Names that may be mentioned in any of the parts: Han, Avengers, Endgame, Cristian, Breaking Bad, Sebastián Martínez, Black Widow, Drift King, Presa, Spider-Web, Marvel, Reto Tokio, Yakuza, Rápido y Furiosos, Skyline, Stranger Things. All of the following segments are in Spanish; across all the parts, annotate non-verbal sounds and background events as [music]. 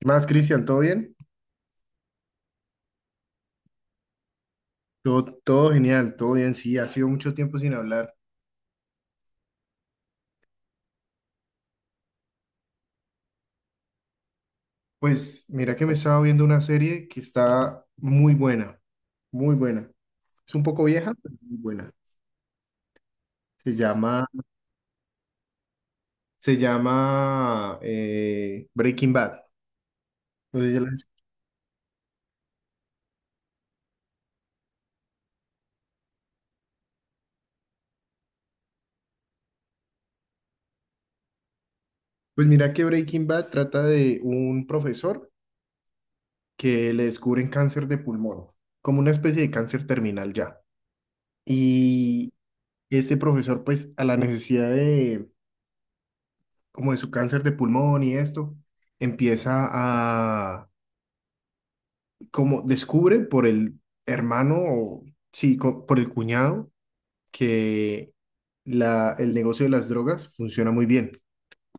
¿Qué más, Cristian? ¿Todo bien? Todo genial, todo bien, sí, ha sido mucho tiempo sin hablar. Pues mira que me estaba viendo una serie que está muy buena. Es un poco vieja, pero muy buena. Se llama, se llama Breaking Bad. No sé si ya la has- Pues mira que Breaking Bad trata de un profesor que le descubren cáncer de pulmón, como una especie de cáncer terminal ya. Y este profesor, pues, a la necesidad de como de su cáncer de pulmón y esto, empieza a, como descubre por el hermano o, sí, por el cuñado, que la, el negocio de las drogas funciona muy bien.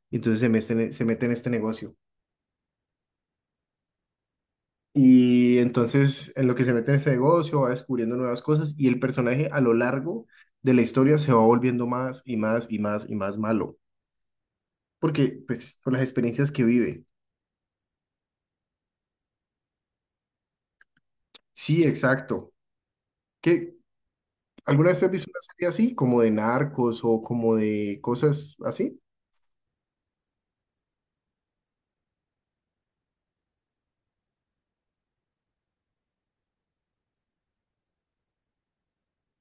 Y entonces se mete, se mete en este negocio. Y entonces en lo que se mete en este negocio va descubriendo nuevas cosas y el personaje a lo largo de la historia se va volviendo más y más y más y más malo. Porque, pues, por las experiencias que vive. Sí, exacto. ¿Qué, ¿Alguna vez has visto una serie así, como de narcos o como de cosas así?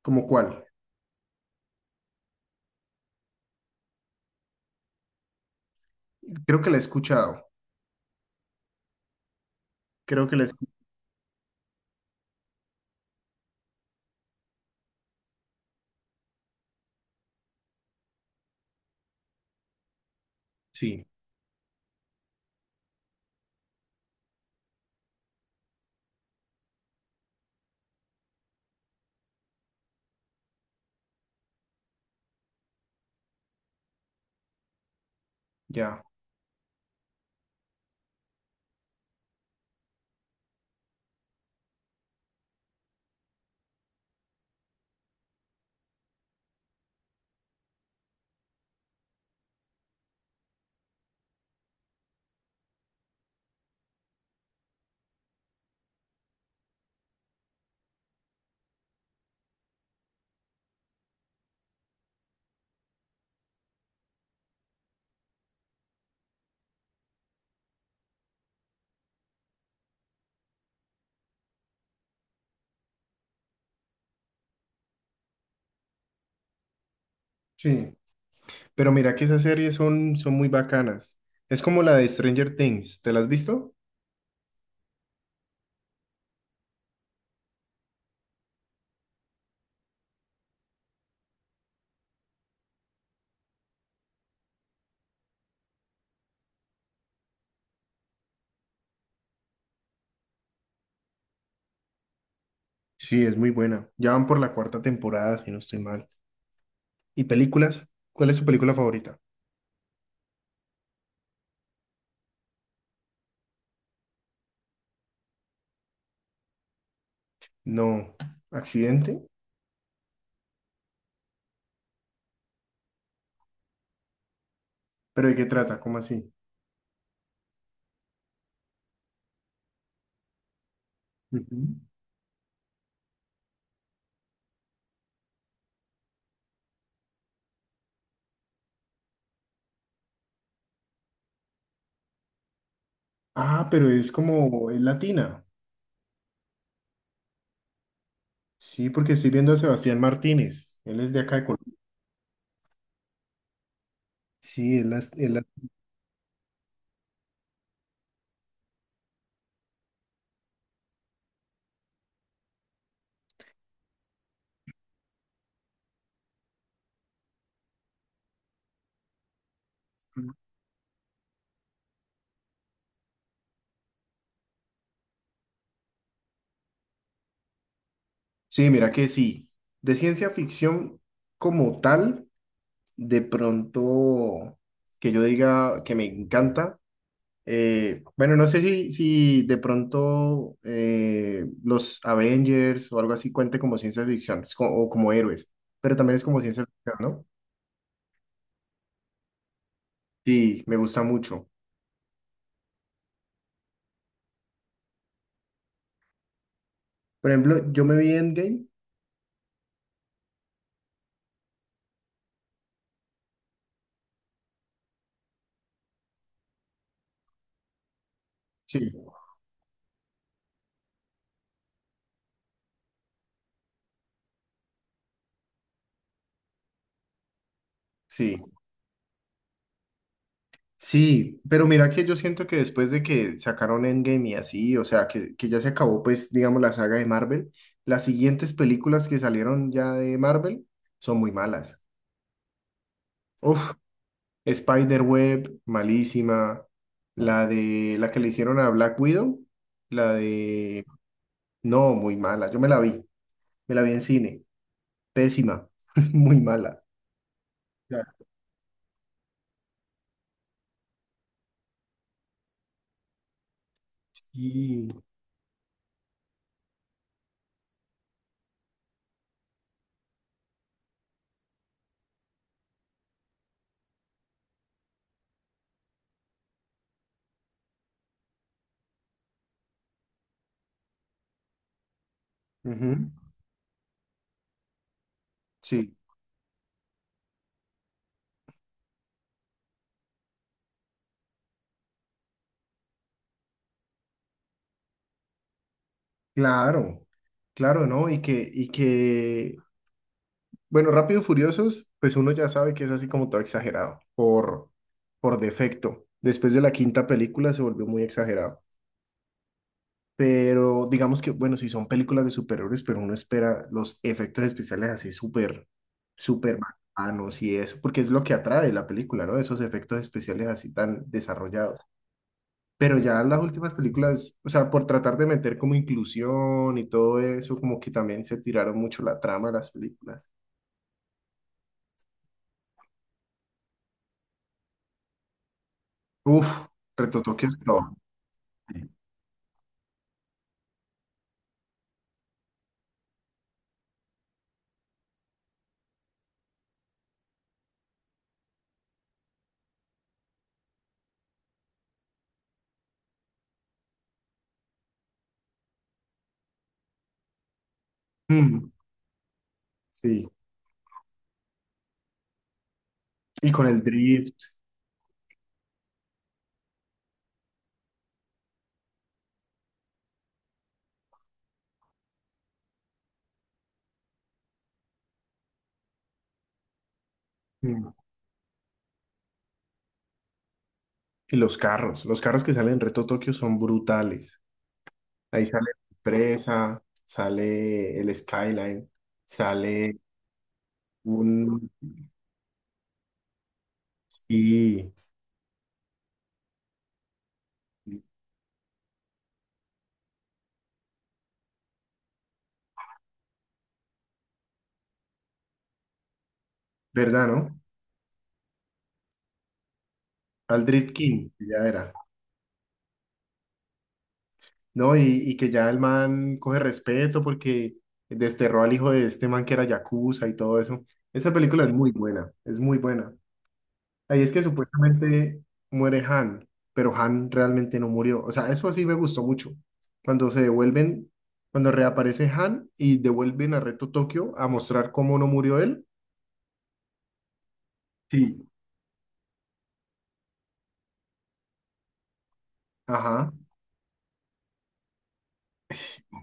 ¿Como cuál? Creo que la he escuchado. Sí, ya. Sí. Pero mira que esas series son muy bacanas. Es como la de Stranger Things. ¿Te la has visto? Sí, es muy buena. Ya van por la cuarta temporada, si no estoy mal. ¿Y películas? ¿Cuál es tu película favorita? No. ¿Accidente? ¿Pero de qué trata? ¿Cómo así? Ujú. Ah, pero es como, es latina. Sí, porque estoy viendo a Sebastián Martínez. Él es de acá de Colombia. Sí, sí, mira que sí. De ciencia ficción como tal, de pronto que yo diga que me encanta. Bueno, no sé si, si de pronto los Avengers o algo así cuente como ciencia ficción o como héroes, pero también es como ciencia ficción, ¿no? Sí, me gusta mucho. Por ejemplo, yo me vi Endgame. Sí, sí. Sí, pero mira que yo siento que después de que sacaron Endgame y así, o sea, que ya se acabó, pues, digamos, la saga de Marvel, las siguientes películas que salieron ya de Marvel son muy malas. Uf, Spider-Web, malísima. La que le hicieron a Black Widow, la de. No, muy mala. Yo me la vi en cine. Pésima, [laughs] muy mala. Ya, sí, ujú, sí, claro, claro, ¿no? Y que bueno, Rápido y Furiosos, pues uno ya sabe que es así como todo exagerado, por defecto. Después de la quinta película se volvió muy exagerado. Pero digamos que, bueno, si son películas de superhéroes, pero uno espera los efectos especiales así súper, súper bacanos y eso, porque es lo que atrae la película, ¿no? Esos efectos especiales así tan desarrollados. Pero ya las últimas películas, o sea, por tratar de meter como inclusión y todo eso, como que también se tiraron mucho la trama de las películas. Uf, retotoques todo. Mm, sí, y con el drift mm, y los carros que salen en Reto Tokio son brutales. Ahí sale Presa, sale el Skyline, sale un... Sí, ¿verdad, no? Al Drift King, ya era. No, y que ya el man coge respeto porque desterró al hijo de este man que era Yakuza y todo eso. Esa película es muy buena, es muy buena. Ahí es que supuestamente muere Han, pero Han realmente no murió. O sea, eso sí me gustó mucho. Cuando se devuelven, cuando reaparece Han y devuelven a Reto Tokio a mostrar cómo no murió él. Sí. Ajá. [laughs]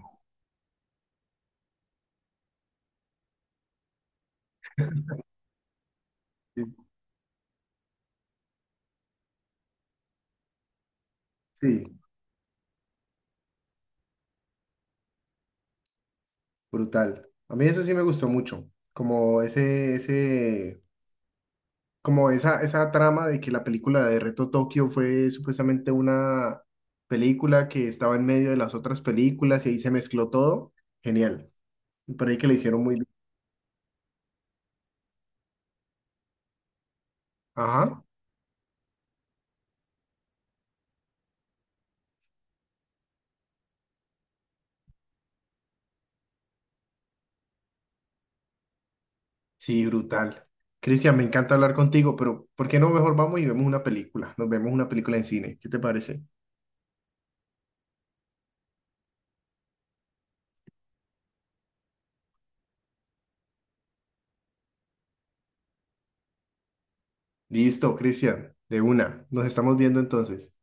Sí, sí, brutal. A mí eso sí me gustó mucho. Como ese, como esa trama de que la película de Reto Tokio fue supuestamente una película que estaba en medio de las otras películas y ahí se mezcló todo. Genial. Me ahí que le hicieron muy ajá, sí, brutal. Cristian, me encanta hablar contigo, pero ¿por qué no mejor vamos y vemos una película? Nos vemos una película en cine. ¿Qué te parece? Listo, Cristian, de una. Nos estamos viendo entonces.